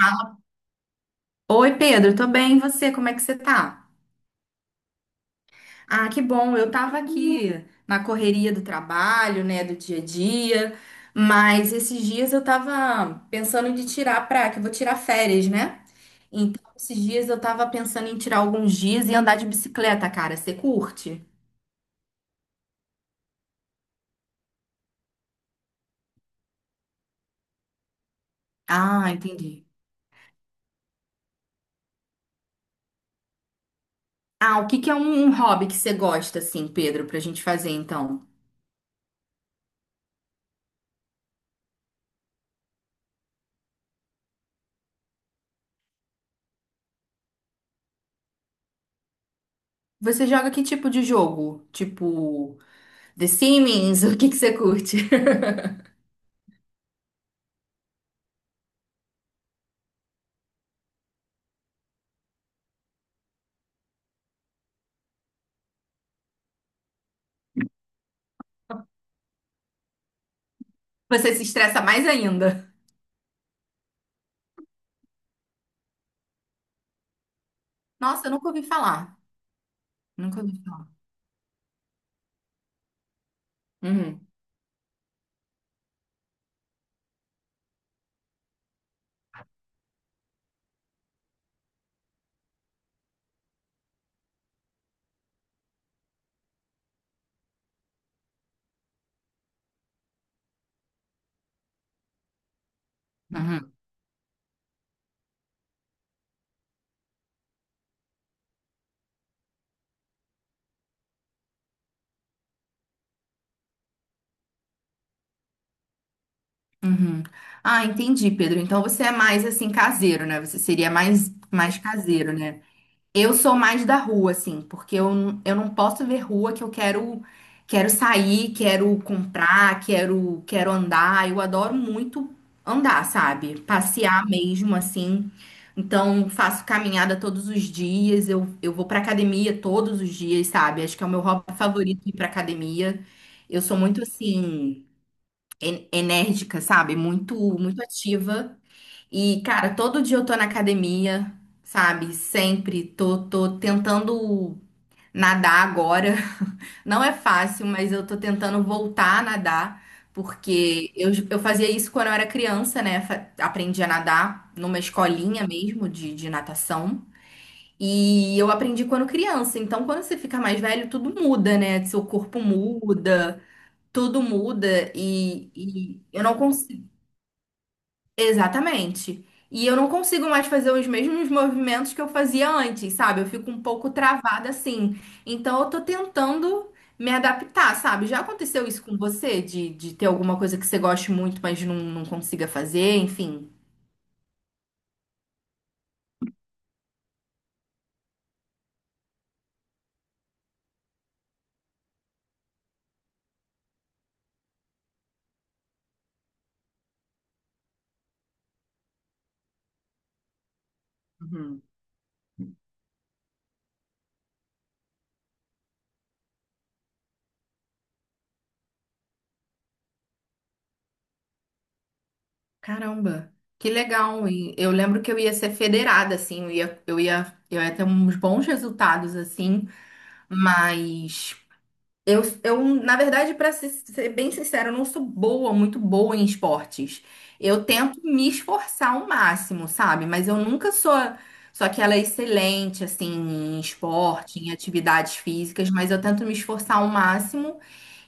Fala. Oi, Pedro, tô bem, e você? Como é que você tá? Ah, que bom, eu tava aqui na correria do trabalho, né, do dia a dia, mas esses dias eu tava pensando de tirar pra, que eu vou tirar férias, né? Então, esses dias eu tava pensando em tirar alguns dias e andar de bicicleta, cara, você curte? Ah, entendi. Ah, o que que é um hobby que você gosta, assim, Pedro, pra gente fazer, então? Você joga que tipo de jogo? Tipo, The Sims? O que que você curte? Você se estressa mais ainda. Nossa, eu nunca ouvi falar. Nunca ouvi falar. Uhum, uhum, uhum. Ah, entendi, Pedro. Então você é mais assim caseiro, né? Você seria mais caseiro, né? Eu sou mais da rua, assim, porque eu não posso ver rua que eu quero sair, quero comprar, quero andar. Eu adoro muito andar, sabe? Passear mesmo, assim. Então, faço caminhada todos os dias, eu vou pra academia todos os dias, sabe? Acho que é o meu hobby favorito ir pra academia. Eu sou muito, assim, enérgica, sabe? Muito, muito ativa. E, cara, todo dia eu tô na academia, sabe? Sempre tô tentando nadar agora. Não é fácil, mas eu tô tentando voltar a nadar, porque eu fazia isso quando eu era criança, né? Aprendi a nadar numa escolinha mesmo de natação. E eu aprendi quando criança. Então, quando você fica mais velho, tudo muda, né? Seu corpo muda, tudo muda. E eu não consigo. Exatamente. E eu não consigo mais fazer os mesmos movimentos que eu fazia antes, sabe? Eu fico um pouco travada assim. Então eu tô tentando me adaptar, sabe? Já aconteceu isso com você? De ter alguma coisa que você goste muito, mas não, não consiga fazer, enfim. Caramba. Que legal. E eu lembro que eu ia ser federada, assim, eu ia ter uns bons resultados, assim, mas. Eu, na verdade, para ser bem sincera, eu não sou boa, muito boa em esportes. Eu tento me esforçar ao máximo, sabe? Mas eu nunca sou aquela excelente, assim, em esporte, em atividades físicas, mas eu tento me esforçar ao máximo.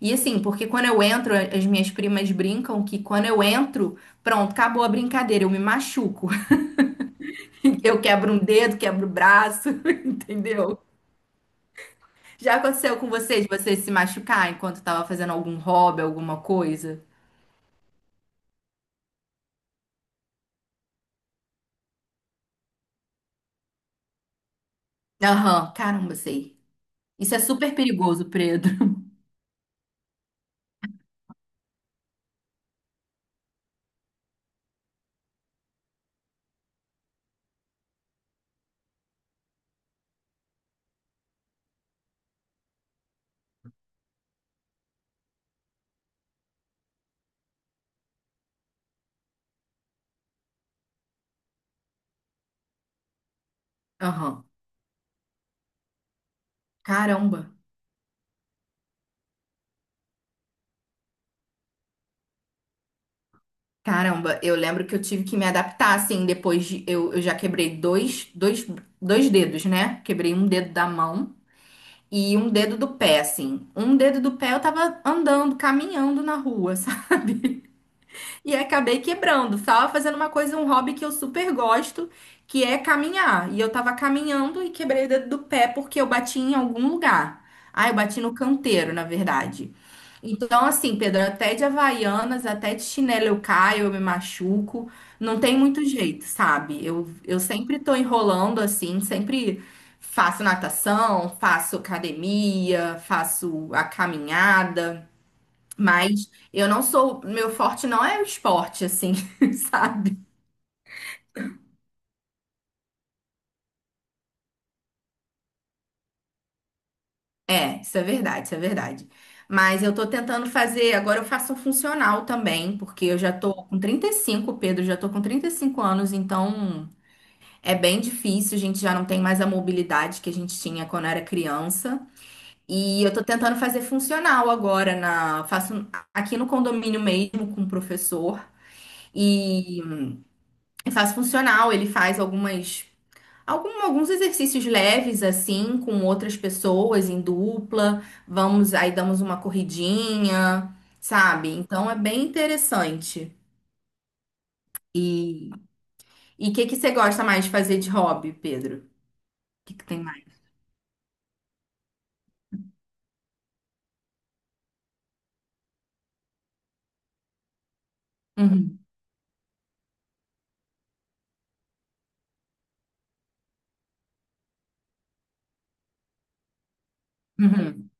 E assim, porque quando eu entro, as minhas primas brincam que quando eu entro, pronto, acabou a brincadeira, eu me machuco. Eu quebro um dedo, quebro o braço, entendeu? Já aconteceu com você de você se machucar enquanto tava fazendo algum hobby, alguma coisa? Aham, caramba, sei. Isso é super perigoso, Pedro. Aham, caramba. Caramba, eu lembro que eu tive que me adaptar, assim, depois de... Eu já quebrei dois dedos, né? Quebrei um dedo da mão e um dedo do pé, assim. Um dedo do pé eu tava andando, caminhando na rua, e acabei quebrando. Estava fazendo uma coisa, um hobby que eu super gosto, que é caminhar. E eu tava caminhando e quebrei o dedo do pé porque eu bati em algum lugar. Ah, eu bati no canteiro, na verdade. Então, assim, Pedro, até de Havaianas, até de chinelo eu caio, eu me machuco. Não tem muito jeito, sabe? Eu sempre tô enrolando assim, sempre faço natação, faço academia, faço a caminhada. Mas eu não sou, meu forte não é o esporte, assim, sabe? É, isso é verdade, isso é verdade. Mas eu tô tentando fazer, agora eu faço um funcional também, porque eu já tô com 35 Pedro, já tô com 35 anos, então é bem difícil, a gente já não tem mais a mobilidade que a gente tinha quando era criança. E eu tô tentando fazer funcional agora na, faço aqui no condomínio mesmo com o professor e faço funcional, ele faz alguns exercícios leves, assim, com outras pessoas em dupla. Vamos, aí damos uma corridinha, sabe? Então é bem interessante. E e o que que você gosta mais de fazer de hobby, Pedro? O que que tem mais? Uhum, uhum,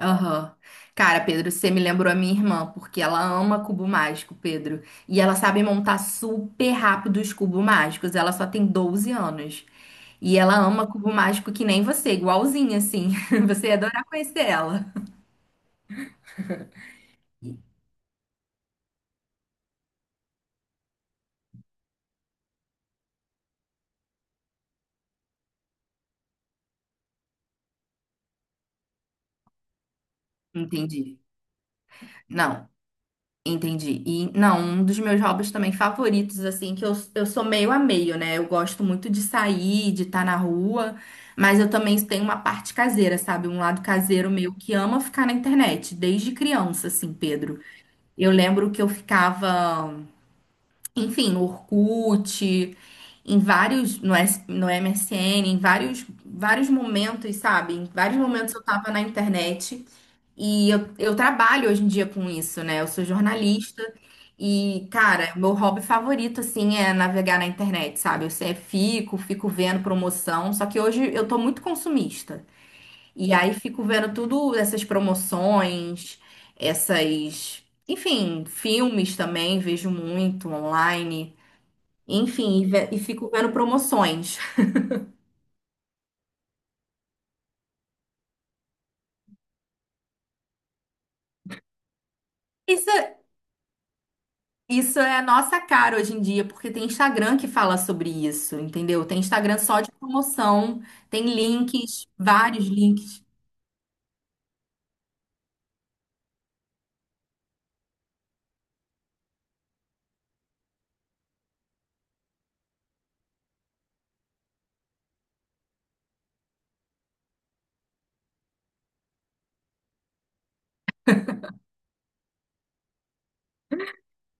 aham. Cara, Pedro, você me lembrou a minha irmã, porque ela ama cubo mágico, Pedro. E ela sabe montar super rápido os cubos mágicos. Ela só tem 12 anos. E ela ama cubo mágico que nem você, igualzinha, assim. Você ia adorar conhecer ela. Entendi. Não, entendi. E não, um dos meus hobbies também favoritos, assim, que eu sou meio a meio, né? Eu gosto muito de sair, de estar na rua, mas eu também tenho uma parte caseira, sabe? Um lado caseiro meu que ama ficar na internet, desde criança, assim, Pedro. Eu lembro que eu ficava, enfim, no Orkut, em vários, no, S, no MSN, em vários momentos, sabe? Em vários momentos eu tava na internet e eu trabalho hoje em dia com isso, né? Eu sou jornalista e, cara, meu hobby favorito, assim, é navegar na internet, sabe? Eu sempre fico vendo promoção, só que hoje eu tô muito consumista. E aí fico vendo tudo essas promoções, essas... Enfim, filmes também vejo muito online. Enfim, e fico vendo promoções. Isso, isso é a nossa cara hoje em dia, porque tem Instagram que fala sobre isso, entendeu? Tem Instagram só de promoção, tem links, vários links.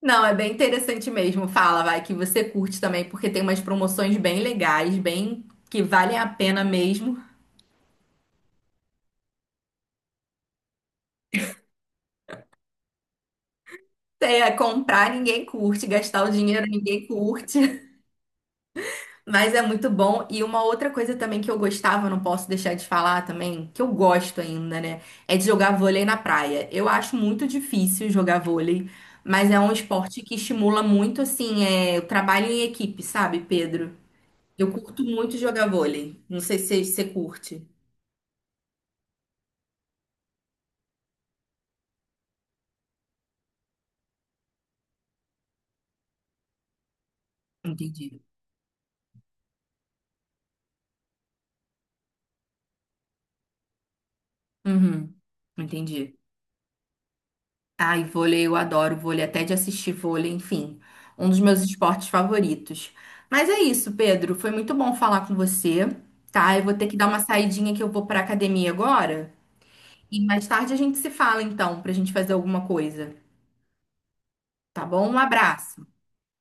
Não, é bem interessante mesmo. Fala, vai, que você curte também, porque tem umas promoções bem legais, bem que valem a pena mesmo. É, comprar ninguém curte, gastar o dinheiro ninguém curte. Mas é muito bom. E uma outra coisa também que eu gostava, não posso deixar de falar também, que eu gosto ainda, né? É de jogar vôlei na praia. Eu acho muito difícil jogar vôlei, mas é um esporte que estimula muito, assim, o trabalho em equipe, sabe, Pedro? Eu curto muito jogar vôlei. Não sei se você curte. Entendi. Uhum. Entendi. Ai, vôlei, eu adoro vôlei, até de assistir vôlei, enfim, um dos meus esportes favoritos. Mas é isso, Pedro, foi muito bom falar com você, tá? Eu vou ter que dar uma saidinha que eu vou pra academia agora e mais tarde a gente se fala então, pra gente fazer alguma coisa, tá bom? Um abraço.